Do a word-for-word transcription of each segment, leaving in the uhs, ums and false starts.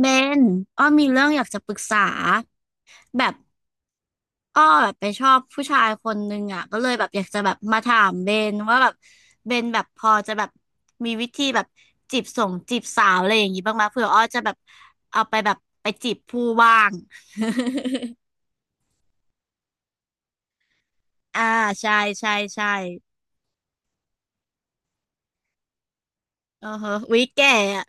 เบนอ้อมีเรื่องอยากจะปรึกษาแบบอ้อแบบไปชอบผู้ชายคนนึงอ่ะก็เลยแบบอยากจะแบบมาถามเบนว่าแบบเบนแบบพอจะแบบมีวิธีแบบจีบส่งจีบสาวอะไรอย่างงี้บ้างไหมเผื่ออ้อจะแบบเอาไปแบบไปจีบผู้บ้าง อ่าใช่ใช่ใช่เออฮะวิแก่อะ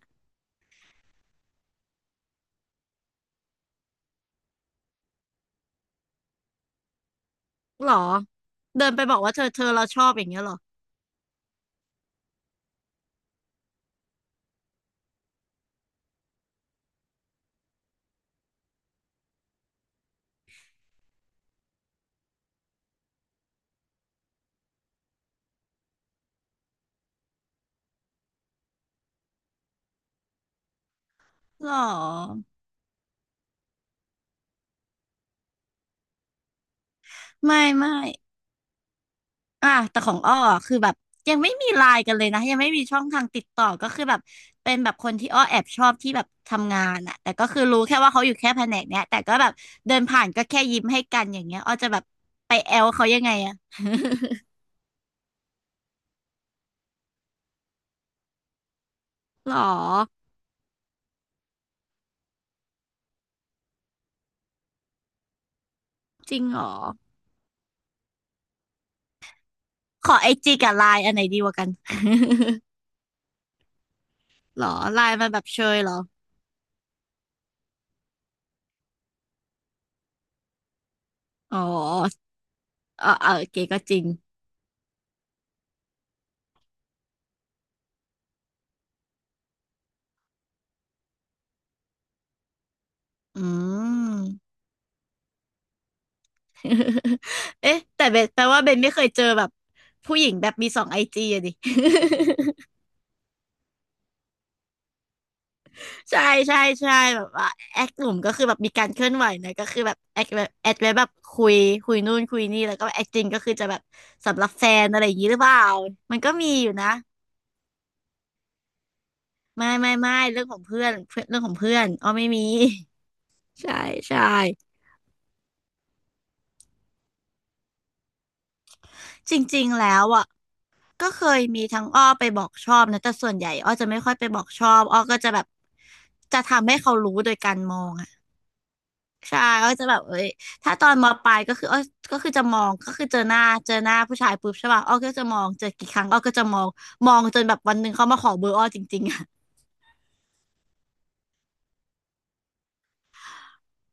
หรอเดินไปบอกว่าเธอเธอเราชอบอย่างเงี้ยหรอหรอไม่ไม่ อ่ะแต่ของอ้ออะคือแบบยังไม่มีไลน์กันเลยนะยังไม่มีช่องทางติดต่อก็คือแบบเป็นแบบคนที่อ้อแอบชอบที่แบบทำงานอะแต่ก็คือรู้แค่ว่าเขาอยู่แค่แผนกเนี้ยแต่ก็แบบเดินผ่านก็แค่ยิ้มให้กันอย่างเงี้ยอ้อจะแบบไปแอลเขายังไงอะหรอจริงหรอขอไอจีกับไลน์อันไหนดีกว่ากัน หรอไลน์มันแบบเชยเหรออ๋อเออเออโอเคก็จริงอืม เอ๊ะแต่เบนแปลว่าเบนไม่เคยเจอแบบผู้หญิงแบบมีสองไอจีอะดิ ใช่ใช่ใช่แบบว่าแอคกลุ่มก็คือแบบมีการเคลื่อนไหวนะก็คือแบบแอคแบบแอคไว้แบบคุยคุยนู่นคุยนี่แล้วก็แอคจริงก็คือจะแบบสำหรับแฟนอะไรอย่างนี้หรือเปล่ามันก็มีอยู่นะไม่ไม่ไม่เรื่องของเพื่อนเพื่อนเรื่องของเพื่อนอ้อไม่มี ใช่ใช่จริงๆแล้วอ่ะก็เคยมีทั้งอ้อไปบอกชอบนะแต่ส่วนใหญ่อ้อจะไม่ค่อยไปบอกชอบอ้อก็จะแบบจะทำให้เขารู้โดยการมอง ใช่อ้อยจะแบบเอ้ยถ้าตอนมปลายก็คืออ้อยก็คือจะมองก็คือเจอหน้าเจอหน้าผู้ชายปุ๊บใช่ป่ะอ้อยก็จะมองเจอกี่ครั้งอ้อยก็จะมองมองจนแบบวันหนึ่งเขามาขอเบอร์อ้อยจริงๆอะ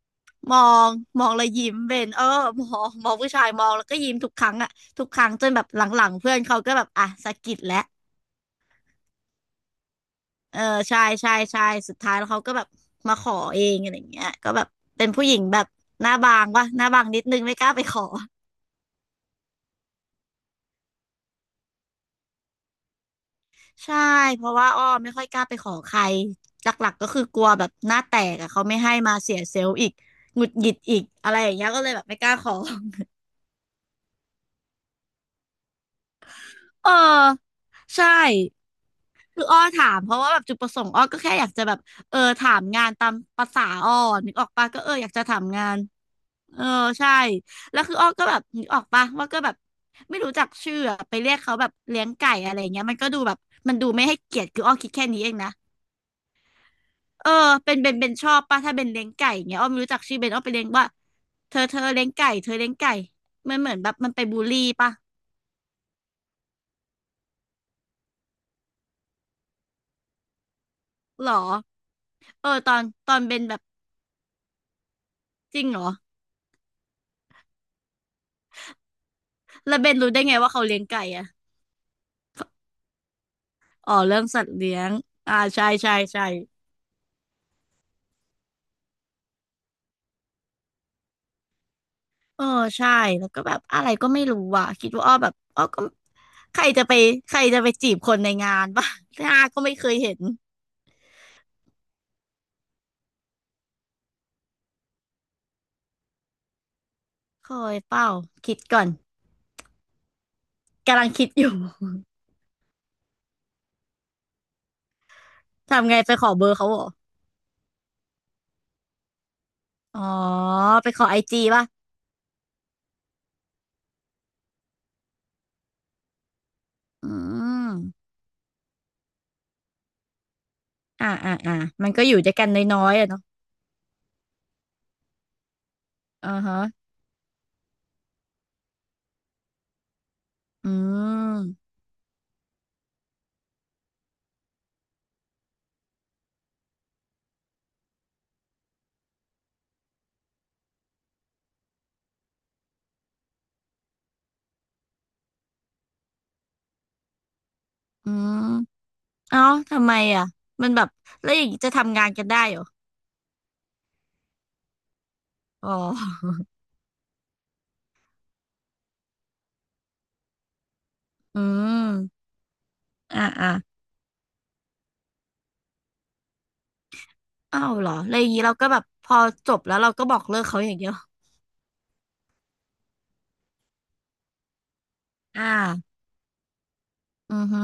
มองมองแล้วยิ้มเบนเออมองมองผู้ชายมองแล้วก็ยิ้มทุกครั้งอะทุกครั้งจนแบบหลังๆเพื่อนเขาก็แบบอ่ะสะกิดแล้วเออใช่ใช่ใช่สุดท้ายแล้วเขาก็แบบมาขอเองอะไรอย่างเงี้ยก็แบบเป็นผู้หญิงแบบหน้าบางวะหน้าบางนิดนึงไม่กล้าไปขอ ใช่เพราะว่าอ้อไม่ค่อยกล้าไปขอใครหลักๆก็คือกลัวแบบหน้าแตกอะเขาไม่ให้มาเสียเซลล์อีกหงุดหงิดอีกอะไรอย่างเงี้ยก็เลยแบบไม่กล้าขอเออใช่คืออ้อถามเพราะว่าแบบจุดประสงค์อ้อก็แค่อยากจะแบบเออถามงานตามภาษาอ้อนึกออกปะก็เอออยากจะถามงานเออใช่แล้วคืออ้อก็แบบนึกออกปะว่าก็แบบไม่รู้จักชื่ออะไปเรียกเขาแบบเลี้ยงไก่อะไรอย่างเงี้ยมันก็ดูแบบมันดูไม่ให้เกียรติคืออ้อคิดแค่นี้เองนะ เออเป็นเบนเบนชอบป่ะถ้าเบนเลี้ยงไก่เงี้ยอ้อมรู้จักชื่อเบนอ้อมไปเลี้ยงว่าเธอเธอเลี้ยงไก่เธอเลี้ยงไก่มันเหมือนแบบมันไปบูลลี่ป่ะหรอเออตอนตอนเบนแบบจริงเหรอแล้วเบนรู้ได้ไงว่าเขาเลี้ยงไก่อะอ๋อเรื่องสัตว์เลี้ยงอ่าใช่ใช่ใช่เออใช่แล้วก็แบบอะไรก็ไม่รู้อ่ะคิดว่าอ้อแบบอ้อก็ใครจะไปใครจะไปจีบคนในงานป่ะหน้า ก็ไม่เคยเห็นเคยเปล่าคิดก่อนกำลังคิดอยู่ ทำไงไปขอเบอร์เขาเหรอ อ๋อไปขอไอจีป่ะอืมอ่าอ่าอ่ามันก็อยู่ด้วยกันน้อยๆอะเนาะอ่าฮะอืมอืมเอ้าทำไมอ่ะมันแบบแล้วอย่างนี้จะทำงานกันได้เหรออ๋ออืมอ่าอ่าอ้าวเหรอแล้วอย่างนี้เราก็แบบพอจบแล้วเราก็บอกเลิกเขาอย่างเดียวอ่าอือฮึ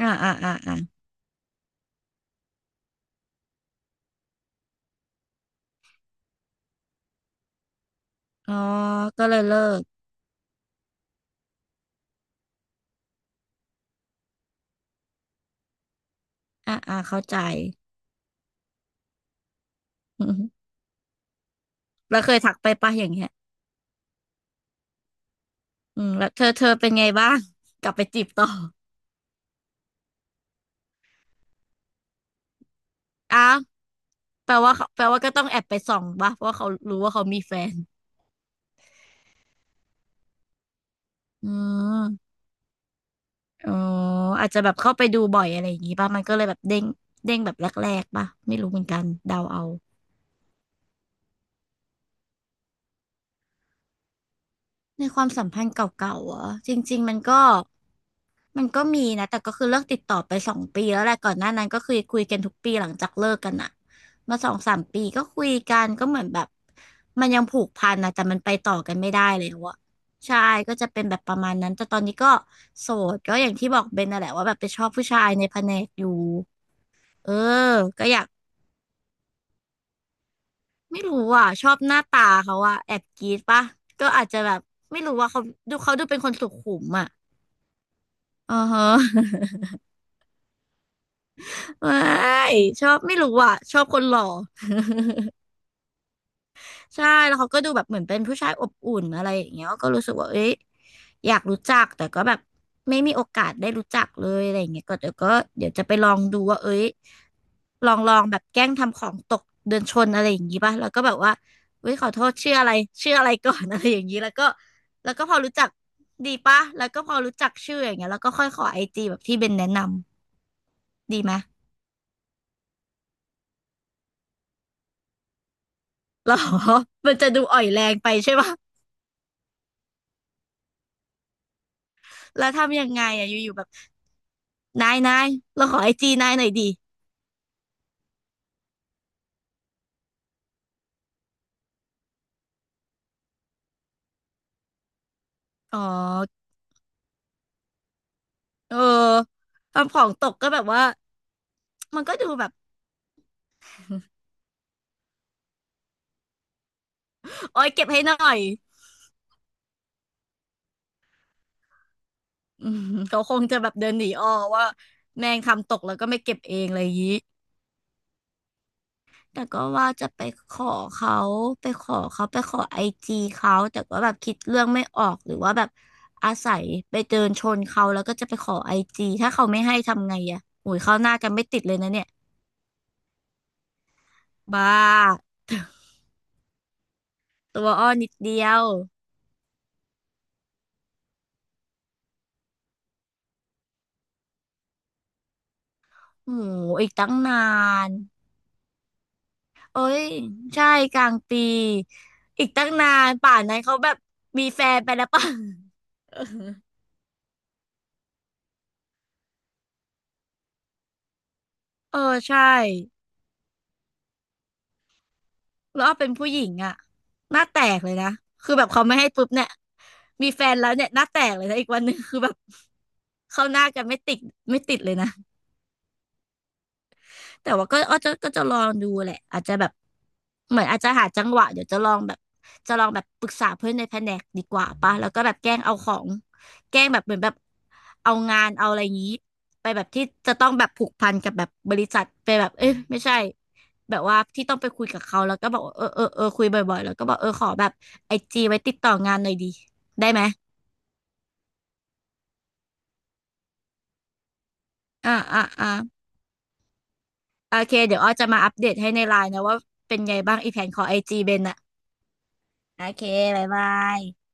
อ่าอ่าอ่าอ่าอ๋อก็เลยเลิกอ่าอ่าเข้าใจ อือฮึแล้วเคยทักไปป่ะอย่างเงี้ยอืมแล้วเธอเธอเป็นไงบ้าง กลับไปจีบต่อ อ้าวแปลว่าเขาแปลว่าก็ต้องแอบไปส่องปะเพราะว่าเขารู้ว่าเขามีแฟนอืมอ๋ออาจจะแบบเข้าไปดูบ่อยอะไรอย่างงี้ป่ะมันก็เลยแบบเด้งเด้งแบบแรกๆป่ะไม่รู้เหมือนกันเดาเอา ในความสัมพันธ์เก่าๆอหจริงๆมันก็มันก็มีนะแต่ก็คือเลิกติดต่อไปสองปีแล้วแหละก่อนหน้านั้นก็คือคุยกันทุกปีหลังจากเลิกกันอะมาสองสามปีก็คุยกันก็เหมือนแบบมันยังผูกพันนะแต่มันไปต่อกันไม่ได้แล้วอะใช่ก็จะเป็นแบบประมาณนั้นแต่ตอนนี้ก็โสดก็อย่างที่บอกเบนน่ะแหละว่าแบบไปชอบผู้ชายในแผนกอยู่เออก็อยากไม่รู้อ่ะชอบหน้าตาเขาอ่ะแอบกรี๊ดปะก็อาจจะแบบไม่รู้ว่าเขาดูเขาดูเป็นคนสุขุมอ่ะ อ๋อฮะ ไม่ชอบไม่รู้อ่ะชอบคนหล่อใช่แล้วเขาก็ดูแบบเหมือนเป็นผู้ชายอบอุ่นอะไรอย่างเงี้ยก็รู้สึกว่าเอ้ยอยากรู้จักแต่ก็แบบไม่มีโอกาสได้รู้จักเลยอะไรอย่างเงี้ยก็เดี๋ยวก็เดี๋ยวจะไปลองดูว่าเอ้ยลองลองแบบแกล้งทำของตกเดินชนอะไรอย่างงี้ป่ะแล้วก็แบบว่าเฮ้ยขอโทษชื่ออะไรชื่ออะไรก่อน อะไรอย่างงี้แล้วก็แล้วก็พอรู้จักดีป่ะแล้วก็พอรู้จักชื่ออย่างเงี้ยแล้วก็ค่อยขอไอจีแบบที่เบนแนะนำดีไหม หรอ มันจะดูอ่อยแรงไปใช่ปะแล้วทำยังไงอ่ะอยู่ๆแบบนายนายเราขอไอจีนายหน่อยดิอ๋อ เออทำของตกก็แบบว่ามันก็ดูแบบโอ้ยเก็บให้หน่อยอืมเขาคงจะแบบเดินหนีอ้อว่าแมงทำตกแล้วก็ไม่เก็บเองอะไรอย่างนี้แต่ก็ว่าจะไปขอเขาไปขอเขาไปขอไอจีเขาแต่ก็แบบคิดเรื่องไม่ออกหรือว่าแบบอาศัยไปเดินชนเขาแล้วก็จะไปขอไอจีถ้าเขาไม่ให้ทำไงอะโอ้ยเข้าหน้ากันไม่ติดเลยนะเนี่ย บ้าตัวอ้อนิดเดียวโหอีกตั้งนานเอ้ยใช่กลางปีอีกตั้งนานป่านนั้นเขาแบบมีแฟนไปแล้วป่ะ เออเออใช่แล้วอ้อเป็นผู้หญิงอะหน้าแตกเลยนะคือแบบเขาไม่ให้ปุ๊บเนี่ยมีแฟนแล้วเนี่ยหน้าแตกเลยนะอีกวันหนึงคือแบบเข้าหน้ากันไม่ติดไม่ติดเลยนะ แต่ว่าก็อ้อจะก็จะลองดูแหละอาจจะแบบเหมือนอาจจะหาจังหวะเดี๋ยวจะลองแบบจะลองแบบปรึกษาเพื่อนในแผนกดีกว่าปะแล้วก็แบบแกล้งเอาของแกล้งแบบเหมือนแบบเอางานเอาอะไรอย่างนี้ไปแบบที่จะต้องแบบผูกพันกับแบบบริษัทไปแบบเอ้ยไม่ใช่แบบว่าที่ต้องไปคุยกับเขาแล้วก็บอกว่าเออเออเออคุยบ่อยๆแล้วก็บอกเออขอแบบไอจีไว้ติดต่องานหน่อยดีได้ไหมอ่าอ่าอ่าโอเคเดี๋ยวอ้อจะมาอัปเดตให้ในไลน์นะว่าเป็นไงบ้างอีแผนขอไอจีเบนอะ โอเคบ๊ายบาย